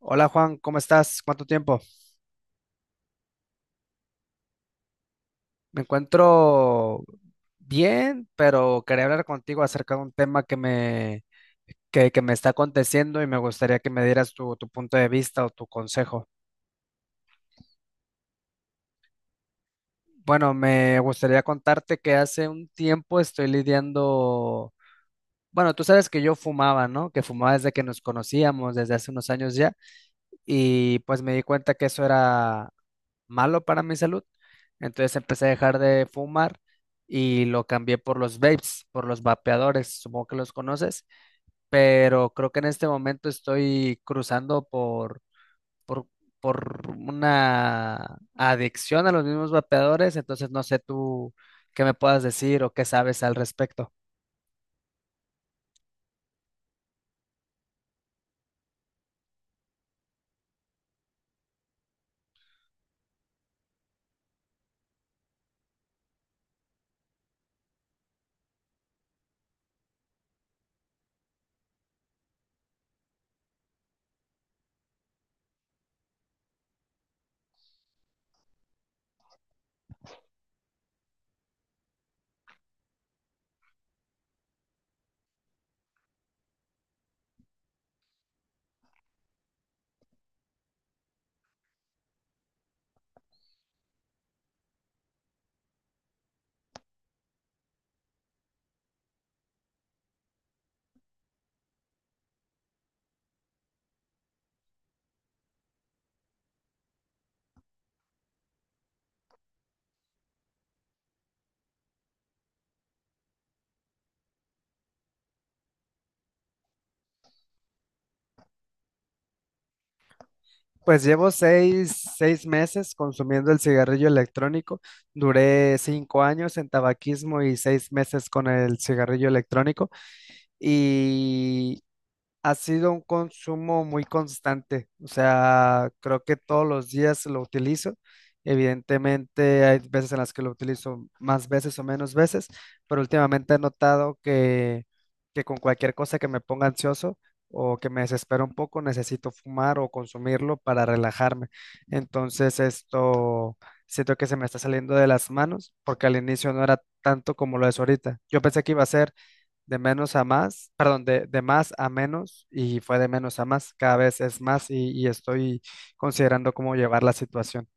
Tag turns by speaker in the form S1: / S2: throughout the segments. S1: Hola Juan, ¿cómo estás? ¿Cuánto tiempo? Me encuentro bien, pero quería hablar contigo acerca de un tema que me está aconteciendo y me gustaría que me dieras tu punto de vista o tu consejo. Bueno, me gustaría contarte que hace un tiempo estoy lidiando, bueno, tú sabes que yo fumaba, ¿no? Que fumaba desde que nos conocíamos, desde hace unos años ya, y pues me di cuenta que eso era malo para mi salud. Entonces empecé a dejar de fumar y lo cambié por los vapes, por los vapeadores, supongo que los conoces, pero creo que en este momento estoy cruzando por, por una adicción a los mismos vapeadores, entonces no sé tú qué me puedas decir o qué sabes al respecto. Pues llevo seis meses consumiendo el cigarrillo electrónico. Duré 5 años en tabaquismo y 6 meses con el cigarrillo electrónico. Y ha sido un consumo muy constante. O sea, creo que todos los días lo utilizo. Evidentemente hay veces en las que lo utilizo más veces o menos veces, pero últimamente he notado que con cualquier cosa que me ponga ansioso o que me desespera un poco, necesito fumar o consumirlo para relajarme. Entonces esto siento que se me está saliendo de las manos porque al inicio no era tanto como lo es ahorita. Yo pensé que iba a ser de menos a más, perdón, de más a menos y fue de menos a más, cada vez es más y estoy considerando cómo llevar la situación.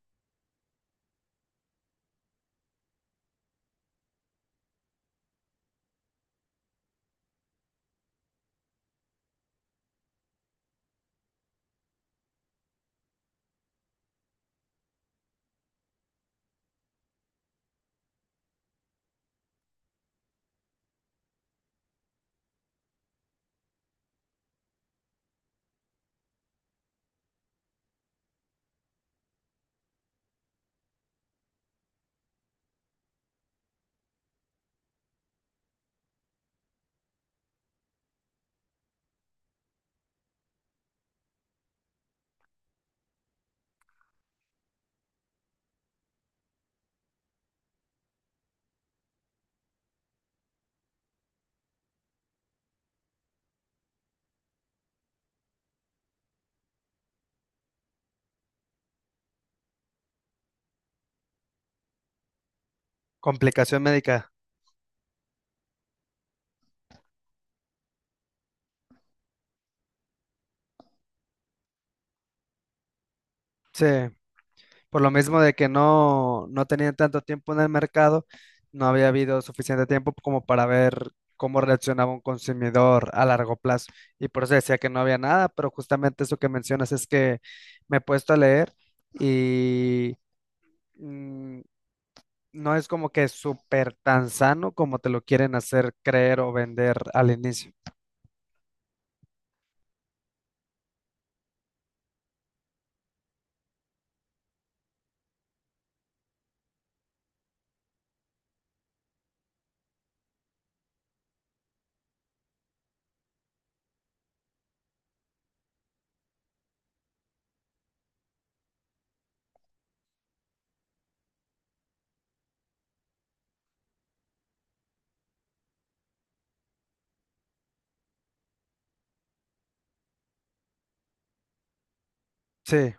S1: Complicación médica, sí, por lo mismo de que no tenía tanto tiempo en el mercado, no había habido suficiente tiempo como para ver cómo reaccionaba un consumidor a largo plazo y por eso decía que no había nada, pero justamente eso que mencionas es que me he puesto a leer y... mm, no es como que súper tan sano como te lo quieren hacer creer o vender al inicio. Sí,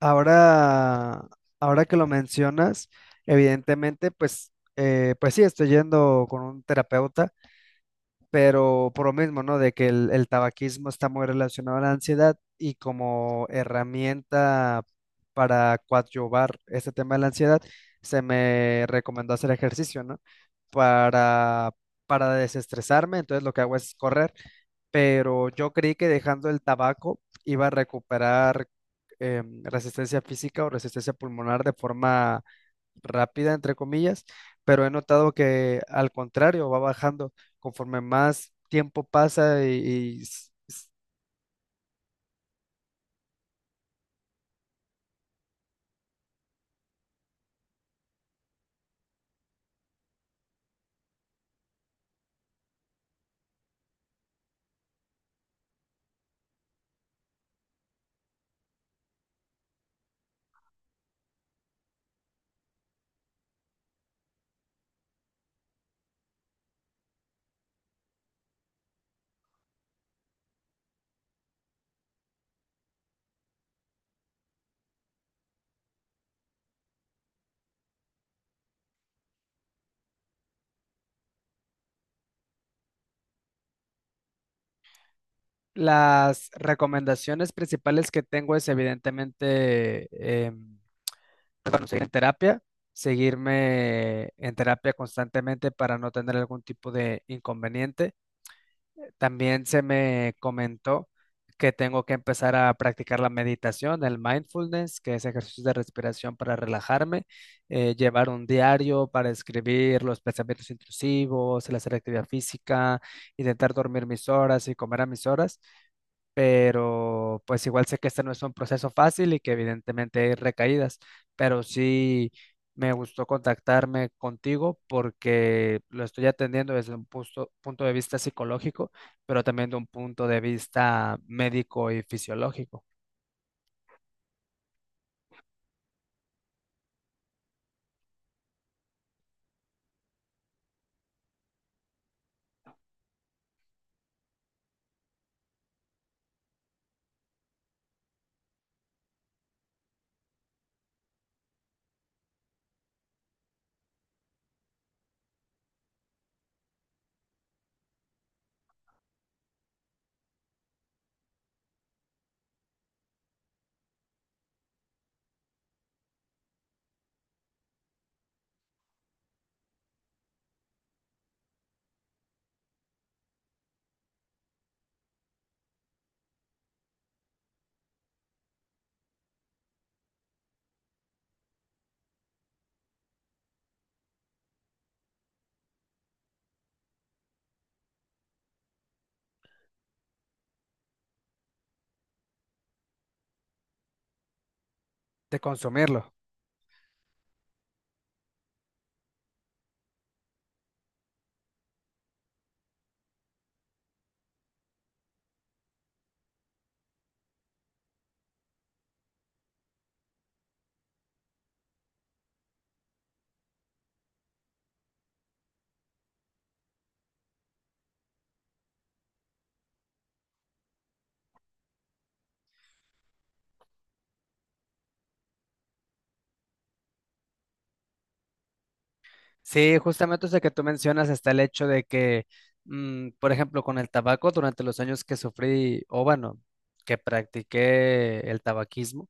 S1: ahora, ahora que lo mencionas, evidentemente, pues, pues sí, estoy yendo con un terapeuta. Pero por lo mismo, ¿no? De que el tabaquismo está muy relacionado a la ansiedad y como herramienta para coadyuvar este tema de la ansiedad, se me recomendó hacer ejercicio, ¿no? Para, para desestresarme, entonces lo que hago es correr, pero yo creí que dejando el tabaco iba a recuperar resistencia física o resistencia pulmonar de forma rápida, entre comillas, pero he notado que al contrario, va bajando conforme más tiempo pasa y. Las recomendaciones principales que tengo es evidentemente, em, bueno, seguir en terapia, seguirme en terapia constantemente para no tener algún tipo de inconveniente. También se me comentó que tengo que empezar a practicar la meditación, el mindfulness, que es ejercicio de respiración para relajarme, llevar un diario para escribir los pensamientos intrusivos, el hacer actividad física, intentar dormir mis horas y comer a mis horas, pero pues igual sé que este no es un proceso fácil y que evidentemente hay recaídas, pero sí me gustó contactarme contigo porque lo estoy atendiendo desde un punto de vista psicológico, pero también de un punto de vista médico y fisiológico, de consumirlo. Sí, justamente eso que tú mencionas está el hecho de que, mm, por ejemplo, con el tabaco, durante los años que sufrí, o bueno, que practiqué el tabaquismo,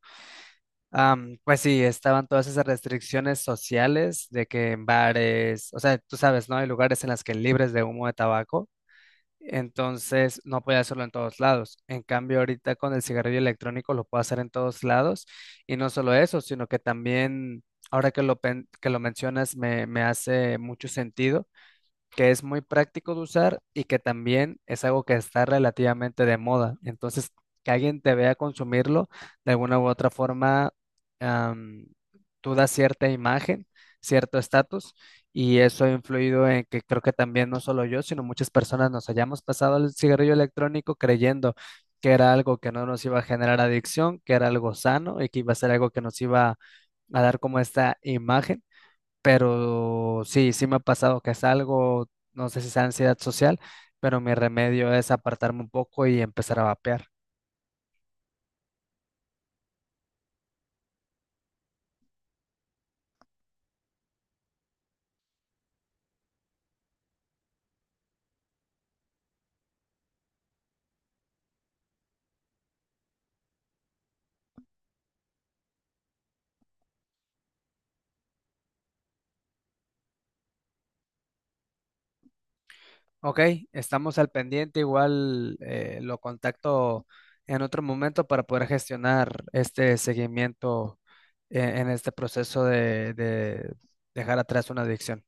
S1: am, pues sí, estaban todas esas restricciones sociales de que en bares, o sea, tú sabes, ¿no? Hay lugares en las que libres de humo de tabaco, entonces no podía hacerlo en todos lados. En cambio, ahorita con el cigarrillo electrónico lo puedo hacer en todos lados y no solo eso, sino que también, ahora que lo mencionas, me hace mucho sentido que es muy práctico de usar y que también es algo que está relativamente de moda. Entonces, que alguien te vea consumirlo, de alguna u otra forma, am, tú das cierta imagen, cierto estatus, y eso ha influido en que creo que también no solo yo, sino muchas personas nos hayamos pasado al cigarrillo electrónico creyendo que era algo que no nos iba a generar adicción, que era algo sano y que iba a ser algo que nos iba a dar como esta imagen, pero sí, sí me ha pasado que es algo, no sé si es ansiedad social, pero mi remedio es apartarme un poco y empezar a vapear. Ok, estamos al pendiente, igual lo contacto en otro momento para poder gestionar este seguimiento en este proceso de dejar atrás una adicción.